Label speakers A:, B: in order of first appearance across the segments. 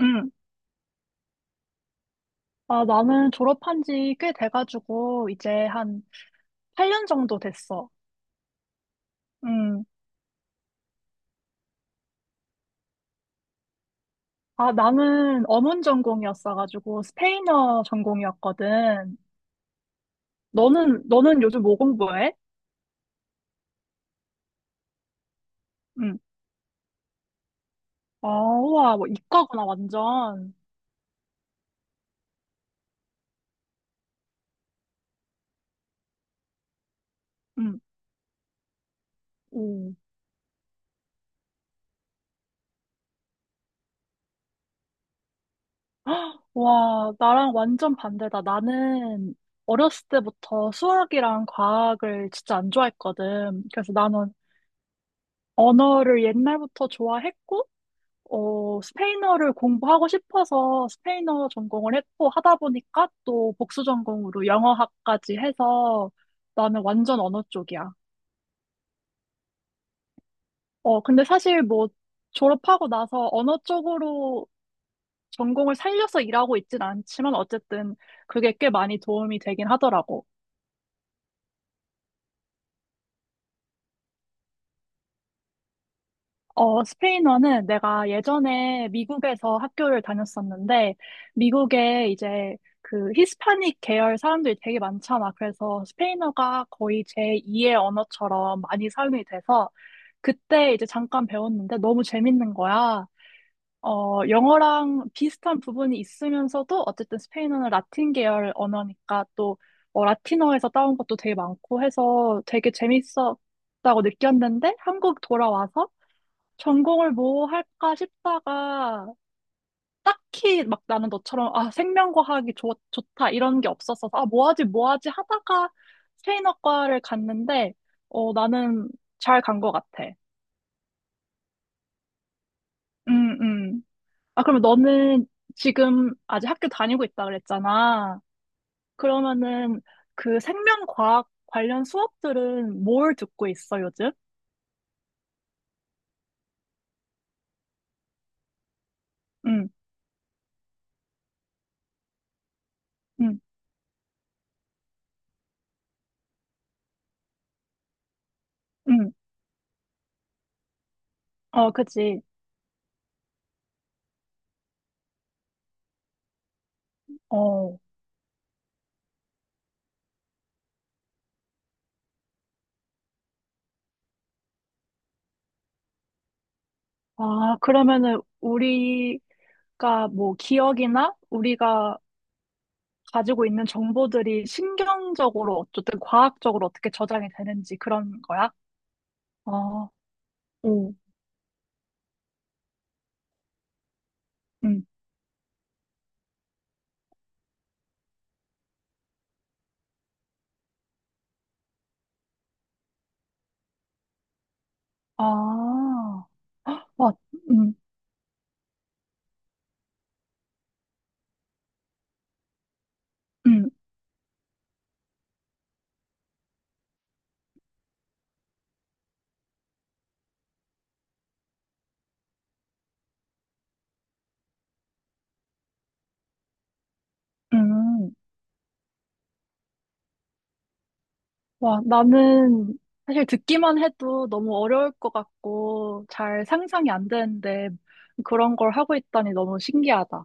A: 음. 아, 나는 졸업한 지 꽤 돼가지고, 이제 한 8년 정도 됐어. 음. 아, 나는 어문 전공이었어가지고, 스페인어 전공이었거든. 너는 요즘 뭐 공부해? 음. 아, 우와, 뭐 이과구나, 완전. 음. 오. 헉, 와, 나랑 완전 반대다. 나는 어렸을 때부터 수학이랑 과학을 진짜 안 좋아했거든. 그래서 나는 언어를 옛날부터 좋아했고, 어, 스페인어를 공부하고 싶어서 스페인어 전공을 했고 하다 보니까 또 복수 전공으로 영어학까지 해서 나는 완전 언어 쪽이야. 어, 근데 사실 뭐 졸업하고 나서 언어 쪽으로 전공을 살려서 일하고 있진 않지만 어쨌든 그게 꽤 많이 도움이 되긴 하더라고. 어, 스페인어는 내가 예전에 미국에서 학교를 다녔었는데, 미국에 이제 그 히스파닉 계열 사람들이 되게 많잖아. 그래서 스페인어가 거의 제2의 언어처럼 많이 사용이 돼서, 그때 이제 잠깐 배웠는데 너무 재밌는 거야. 어, 영어랑 비슷한 부분이 있으면서도 어쨌든 스페인어는 라틴 계열 언어니까 또 어, 라틴어에서 따온 것도 되게 많고 해서 되게 재밌었다고 느꼈는데 한국 돌아와서 전공을 뭐 할까 싶다가 딱히 막 나는 너처럼 아 생명과학이 좋다 이런 게 없었어서 아 뭐 하지 하다가 스페인어과를 갔는데 어 나는 잘 간 것 같아. 음, 음. 아 그러면 너는 지금 아직 학교 다니고 있다 그랬잖아. 그러면은 그 생명과학 관련 수업들은 뭘 듣고 있어 요즘? 응응응. 어, 그치. 어. 아, 그러면은 우리 그러니까 뭐 기억이나 우리가 가지고 있는 정보들이 신경적으로 어쨌든 과학적으로 어떻게 저장이 되는지 그런 거야? 아, 응. 음, 아, 와, 음, 음, 음. 와, 나는 사실 듣기만 해도 너무 어려울 것 같고 잘 상상이 안 되는데 그런 걸 하고 있다니 너무 신기하다.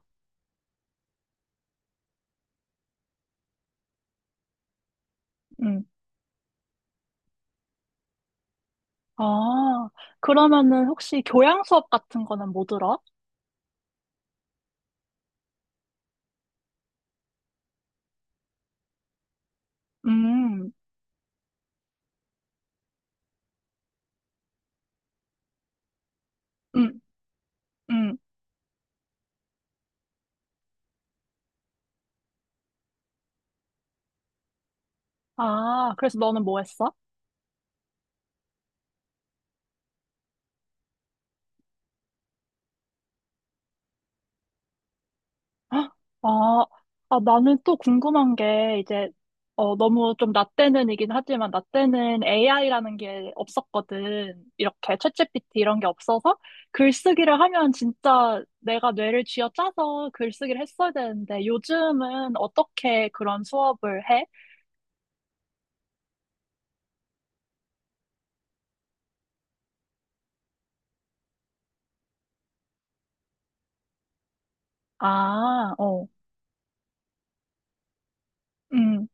A: 음, 아, 그러면은 혹시 교양 수업 같은 거는 뭐 들어? 음, 음, 음. 아, 그래서 너는 뭐 했어? 헉, 아, 아, 나는 또 궁금한 게, 이제, 어, 너무 좀 나 때는이긴 하지만, 나 때는 AI라는 게 없었거든. 이렇게 챗 g 피티 이런 게 없어서, 글쓰기를 하면 진짜 내가 뇌를 쥐어짜서 글쓰기를 했어야 되는데, 요즘은 어떻게 그런 수업을 해? 아, 어, 음,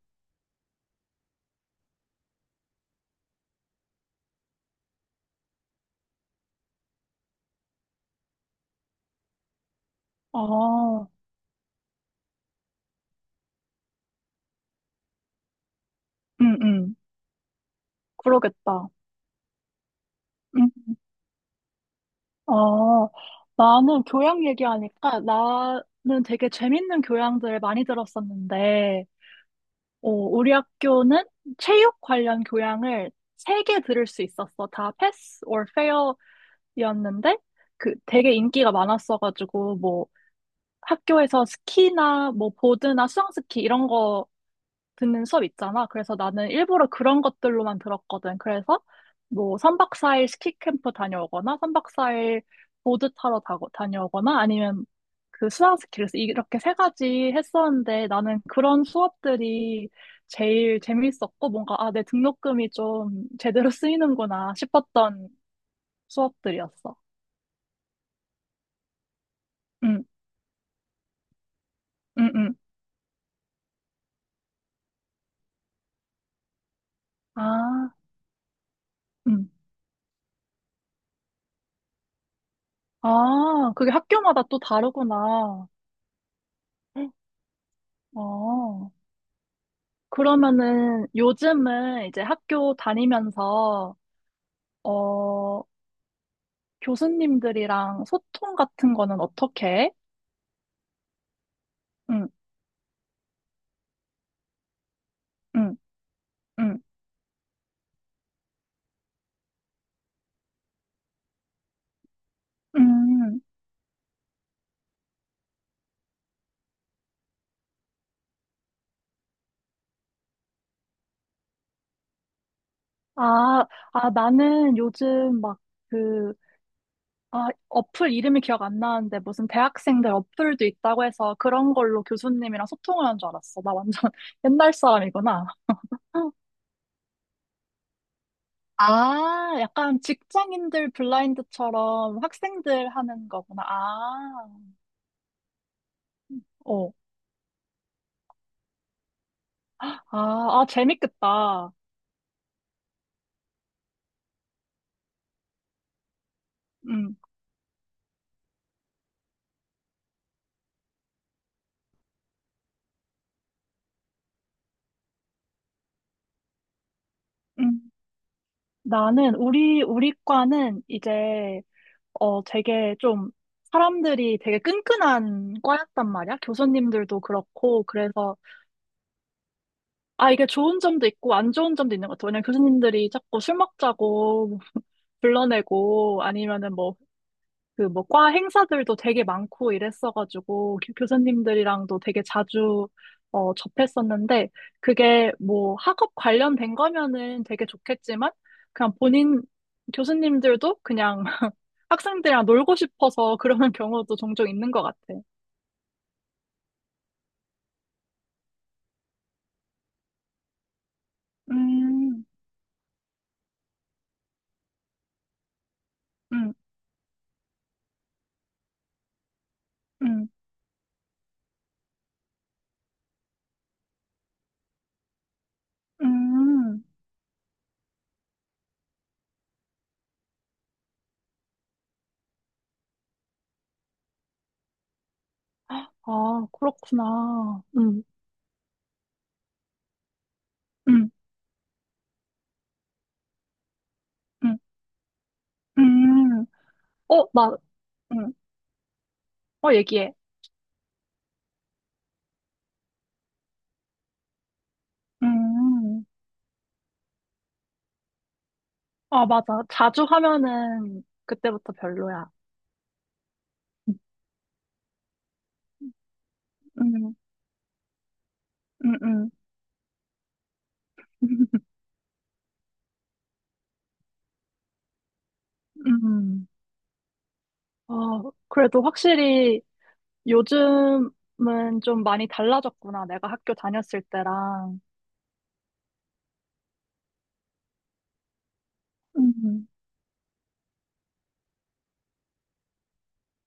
A: 어, 음, 음, 그러겠다. 음. 어, 나는 교양 얘기하니까 나는 되게 재밌는 교양들을 많이 들었었는데, 어, 우리 학교는 체육 관련 교양을 3개 들을 수 있었어. 다 패스 or 페어였는데, 그 되게 인기가 많았어가지고, 뭐 학교에서 스키나 뭐 보드나 수상스키 이런 거 듣는 수업 있잖아. 그래서 나는 일부러 그런 것들로만 들었거든. 그래서 뭐 3박 4일 스키 캠프 다녀오거나 3박 4일 보드 타러 다녀오거나 아니면 그 수상 스키를 이렇게 3가지 했었는데 나는 그런 수업들이 제일 재밌었고 뭔가 아, 내 등록금이 좀 제대로 쓰이는구나 싶었던 수업들이었어. 응, 응, 응. 아, 응. 아, 그게 학교마다 또 다르구나. 어. 그러면은 요즘은 이제 학교 다니면서, 어, 교수님들이랑 소통 같은 거는 어떻게 해? 응, 응, 응, 응. 아, 아, 나는 요즘 막 그, 아, 어플 이름이 기억 안 나는데 무슨 대학생들 어플도 있다고 해서 그런 걸로 교수님이랑 소통을 한 줄 알았어. 나 완전 옛날 사람이구나. 아, 약간 직장인들 블라인드처럼 학생들 하는 거구나. 아, 어. 아, 아, 재밌겠다. 음, 음. 나는 우리 과는 이제 어 되게 좀 사람들이 되게 끈끈한 과였단 말이야. 교수님들도 그렇고 그래서 아 이게 좋은 점도 있고 안 좋은 점도 있는 것 같아. 왜냐면 교수님들이 자꾸 술 먹자고 불러내고 아니면은 뭐 그 뭐 과 행사들도 되게 많고 이랬어가지고 교수님들이랑도 되게 자주 어, 접했었는데 그게 뭐 학업 관련된 거면은 되게 좋겠지만 그냥 본인 교수님들도 그냥 학생들이랑 놀고 싶어서 그러는 경우도 종종 있는 것 같아. 음, 음, 음, 음. 아, 그렇구나. 음, 음, 음. 어, 나, 음, 어, 얘기해. 음. 아, 맞아. 자주 하면은 그때부터 별로야. 음, 음, 음. 음. 어, 그래도 확실히 요즘은 좀 많이 달라졌구나. 내가 학교 다녔을 때랑. 음.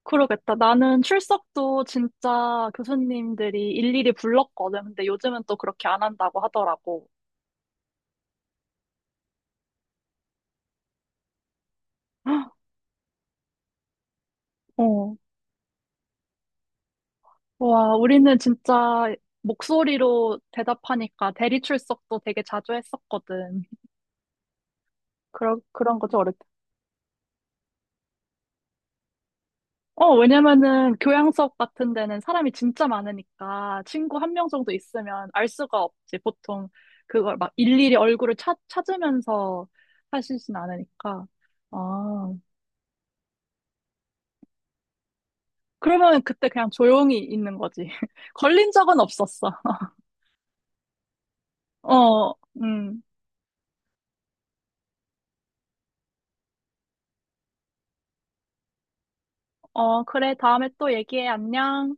A: 그러겠다. 나는 출석도 진짜 교수님들이 일일이 불렀거든. 근데 요즘은 또 그렇게 안 한다고 하더라고. 어, 와, 우리는 진짜 목소리로 대답하니까 대리 출석도 되게 자주 했었거든. 그런 거좀 어, 왜냐면은 교양석 같은 데는 사람이 진짜 많으니까 친구 1명 정도 있으면 알 수가 없지. 보통 그걸 막 일일이 얼굴을 찾으면서 하시진 않으니까. 아, 그러면 그때 그냥 조용히 있는 거지. 걸린 적은 없었어. 어, 음. 어, 그래. 다음에 또 얘기해. 안녕.